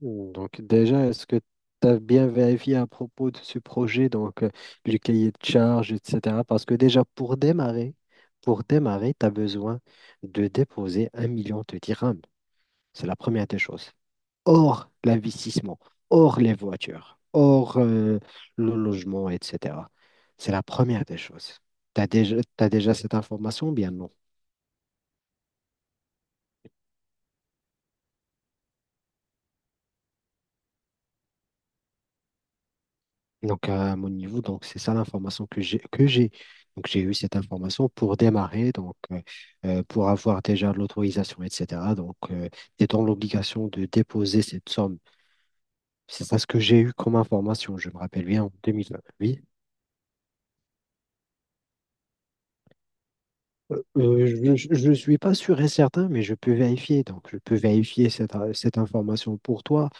Donc déjà, est-ce que tu as bien vérifié à propos de ce projet, donc du cahier de charge, etc. Parce que déjà, pour démarrer, tu as besoin de déposer 1 000 000 de dirhams. C'est la première des choses. Hors l'investissement, hors les voitures, hors le logement, etc. C'est la première des choses. T'as déjà cette information, ou bien non? Donc, à mon niveau, donc c'est ça l'information que j'ai. Donc, j'ai eu cette information pour démarrer, donc pour avoir déjà l'autorisation, etc. Donc, tu es dans l'obligation de déposer cette somme. C'est ça ce que j'ai eu comme information, je me rappelle bien, en 2020. Oui. Je ne suis pas sûr et certain, mais je peux vérifier. Donc, je peux vérifier cette information pour toi.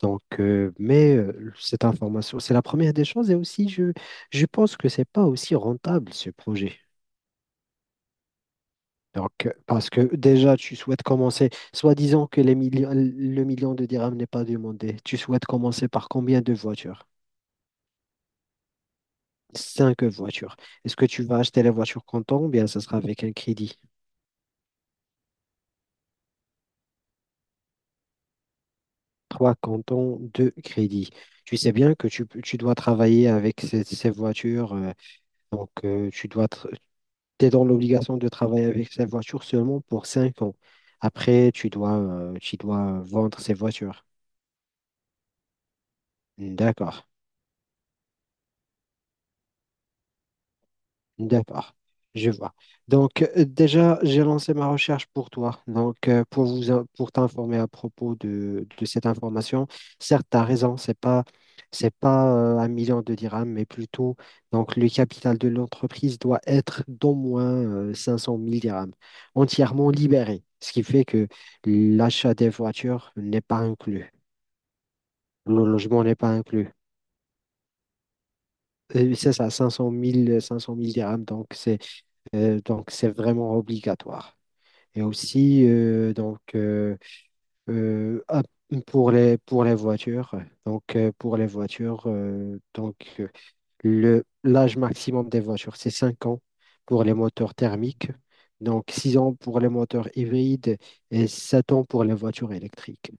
Donc, mais cette information, c'est la première des choses. Et aussi, je pense que c'est pas aussi rentable, ce projet. Donc, parce que déjà, tu souhaites commencer, soi-disant que les millions, 1 000 000 de dirhams n'est pas demandé. Tu souhaites commencer par combien de voitures? Cinq voitures. Est-ce que tu vas acheter la voiture comptant ou bien ça sera avec un crédit? Trois comptants, deux crédits. Tu sais bien que tu dois travailler avec ces voitures. Donc, es dans l'obligation de travailler avec ces voitures seulement pour 5 ans. Après, tu dois vendre ces voitures. D'accord. D'accord, je vois. Donc, déjà, j'ai lancé ma recherche pour toi. Donc, pour t'informer à propos de cette information, certes, tu as raison, c'est pas 1 000 000 de dirhams, mais plutôt, donc, le capital de l'entreprise doit être d'au moins cinq cent mille dirhams, entièrement libéré, ce qui fait que l'achat des voitures n'est pas inclus, le logement n'est pas inclus. C'est ça, 500 000 500 000 dirhams, donc c'est vraiment obligatoire. Et aussi, euh, ah, pour les voitures, donc, pour les voitures, donc, l'âge maximum des voitures, c'est 5 ans pour les moteurs thermiques, donc 6 ans pour les moteurs hybrides et 7 ans pour les voitures électriques.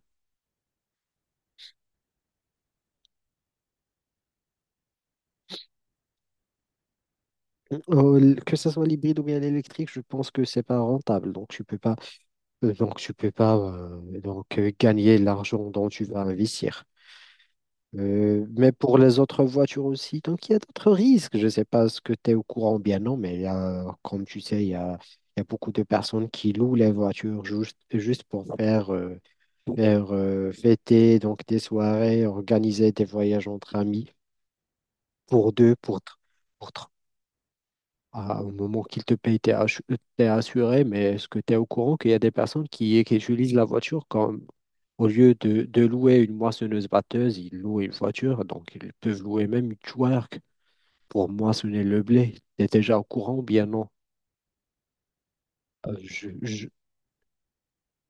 Oh, que ce soit l'hybride ou bien l'électrique, je pense que c'est pas rentable, donc tu peux pas, gagner l'argent dont tu vas investir. Mais pour les autres voitures aussi, donc il y a d'autres risques. Je ne sais pas ce que tu es au courant ou bien non, mais comme tu sais, il y a beaucoup de personnes qui louent les voitures juste pour faire, faire fêter donc des soirées, organiser des voyages entre amis, pour deux, pour, tr- ah, au moment qu'il te paye, t'es assuré, mais est-ce que tu es au courant qu'il y a des personnes qui utilisent la voiture comme au lieu de louer une moissonneuse-batteuse, ils louent une voiture, donc ils peuvent louer même une twerk pour moissonner le blé. T'es déjà au courant, ou bien non. Euh, Je,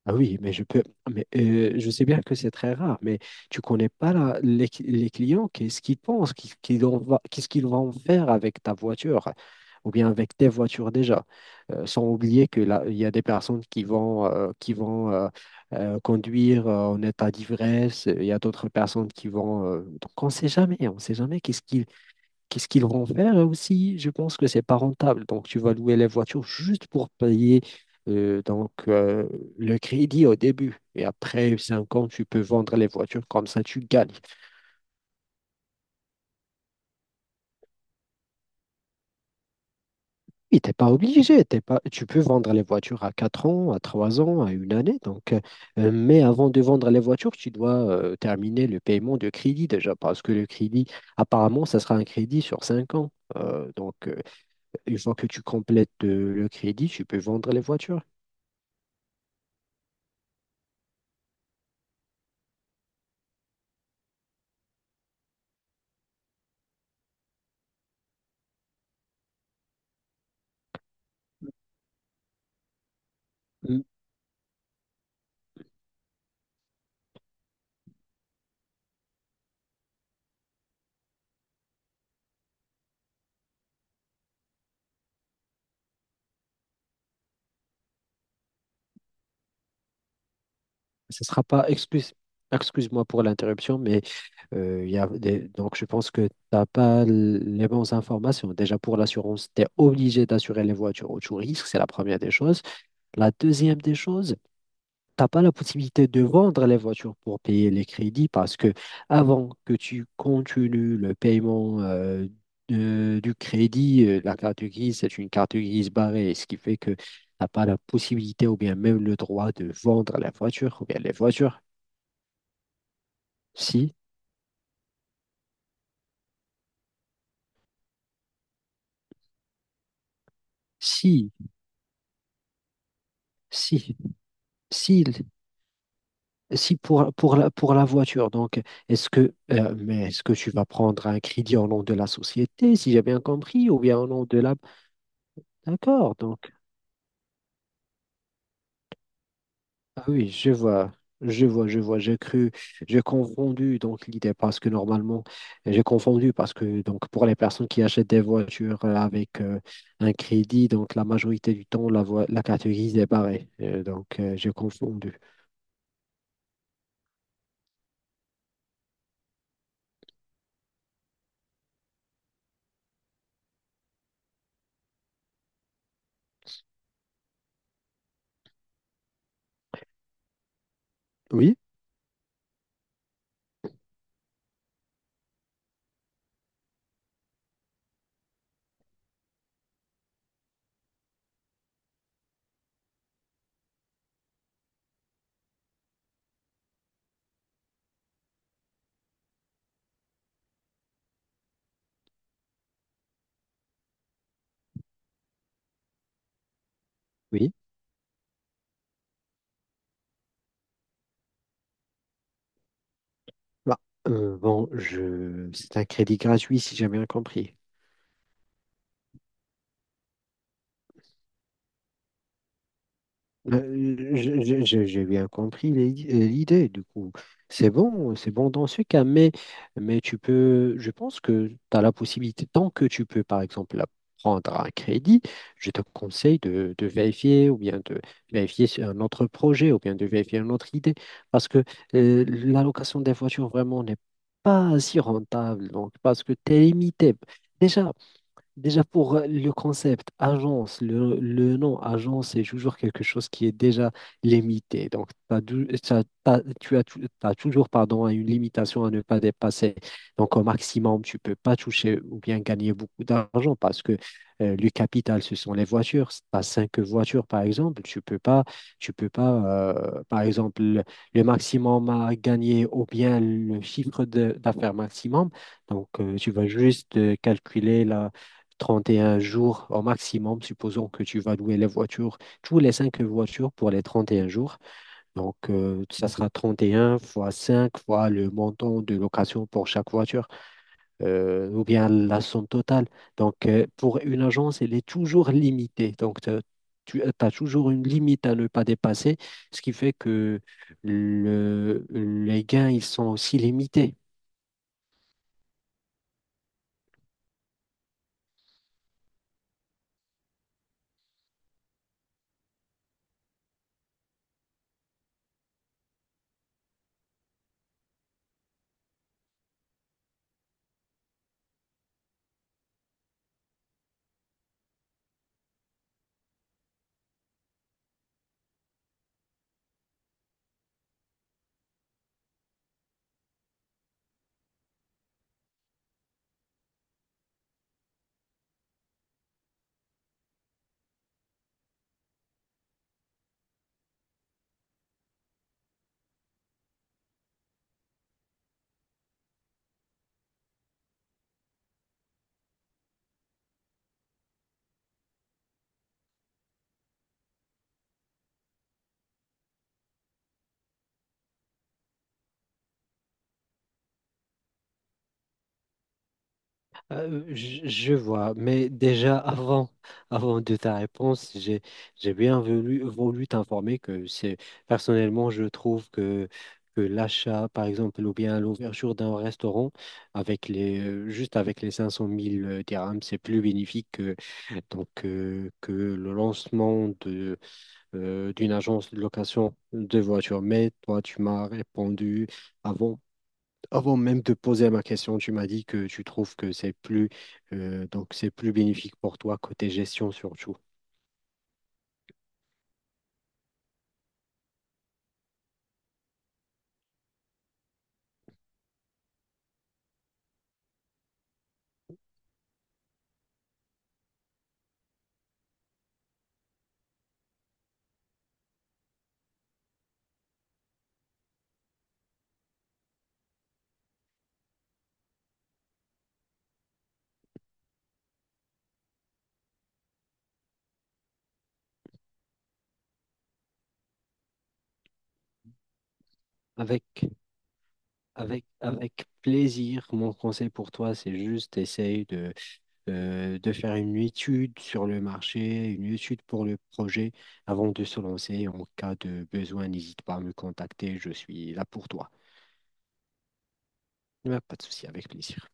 Ah oui, mais je sais bien que c'est très rare, mais tu connais pas les clients, qu'est-ce qu'ils pensent, qu'est-ce qu'ils vont faire avec ta voiture ou bien avec tes voitures déjà. Sans oublier que là, il y a des personnes qui vont conduire en état d'ivresse, il y a d'autres personnes qui vont, donc on ne sait jamais qu'est-ce qu'ils vont faire. Et aussi? Je pense que c'est pas rentable. Donc, tu vas louer les voitures juste pour payer donc, le crédit au début. Et après 5 ans, tu peux vendre les voitures comme ça, tu gagnes. Oui, t'es pas obligé, t'es pas... tu peux vendre les voitures à 4 ans, à 3 ans, à une année. Donc, mais avant de vendre les voitures, tu dois terminer le paiement de crédit déjà, parce que le crédit, apparemment, ça sera un crédit sur 5 ans. Donc, une fois que tu complètes le crédit, tu peux vendre les voitures. Mm. Ce sera pas excuse, excuse-moi pour l'interruption, mais il y a des- donc je pense que tu n'as pas les bonnes informations. Déjà pour l'assurance, tu es obligé d'assurer les voitures au tout risque, c'est la première des choses. La deuxième des choses, t'as pas la possibilité de vendre les voitures pour payer les crédits parce que avant que tu continues le paiement du crédit, la carte grise, c'est une carte grise barrée, ce qui fait que t'as pas la possibilité ou bien même le droit de vendre la voiture ou bien les voitures. Si, si, si, si, si pour, pour la voiture. Donc, est-ce que tu vas prendre un crédit au nom de la société, si j'ai bien compris, ou bien au nom de la... D'accord, donc. Ah oui, je vois, je vois, je vois. J'ai confondu donc l'idée parce que normalement, j'ai confondu parce que donc pour les personnes qui achètent des voitures avec un crédit, donc la majorité du temps la carte grise est barrée. Donc, j'ai confondu. Oui, oui. Bah, bon, c'est un crédit gratuit si j'ai bien compris. J'ai bien compris l'idée, du coup. C'est bon dans ce cas, mais, je pense que tu as la possibilité, tant que tu peux, par exemple, prendre un crédit, je te conseille de vérifier ou bien de vérifier sur un autre projet ou bien de vérifier une autre idée, parce que l'allocation des voitures vraiment n'est pas si rentable, donc parce que tu es limité. Déjà, Déjà pour le concept agence, le nom agence, c'est toujours quelque chose qui est déjà limité. Donc, t'as dou- t'as- t'as- tu as, tou- t'as toujours pardon, une limitation à ne pas dépasser. Donc, au maximum, tu peux pas toucher ou bien gagner beaucoup d'argent parce que le capital, ce sont les voitures. Tu as cinq voitures, par exemple. Tu peux pas par exemple, le maximum à gagner ou bien le chiffre d'affaires maximum. Donc, tu vas juste calculer la 31 jours au maximum, supposons que tu vas louer les voitures, tous les cinq voitures pour les 31 jours. Donc, ça sera 31 fois 5 fois le montant de location pour chaque voiture, ou bien la somme totale. Donc, pour une agence, elle est toujours limitée. Donc, tu as toujours une limite à ne pas dépasser, ce qui fait que les gains, ils sont aussi limités. Je vois, mais déjà avant de ta réponse, j'ai bien voulu t'informer personnellement, je trouve que l'achat, par exemple, ou bien l'ouverture d'un restaurant juste avec les 500 000 dirhams, c'est plus bénéfique que le lancement d'une agence de location de voitures. Mais toi, tu m'as répondu avant avant même de poser ma question, tu m'as dit que tu trouves que c'est plus bénéfique pour toi côté gestion surtout. Avec avec plaisir, mon conseil pour toi, c'est juste essaye de faire une étude sur le marché, une étude pour le projet avant de se lancer. En cas de besoin, n'hésite pas à me contacter, je suis là pour toi. Il pas de souci, avec plaisir.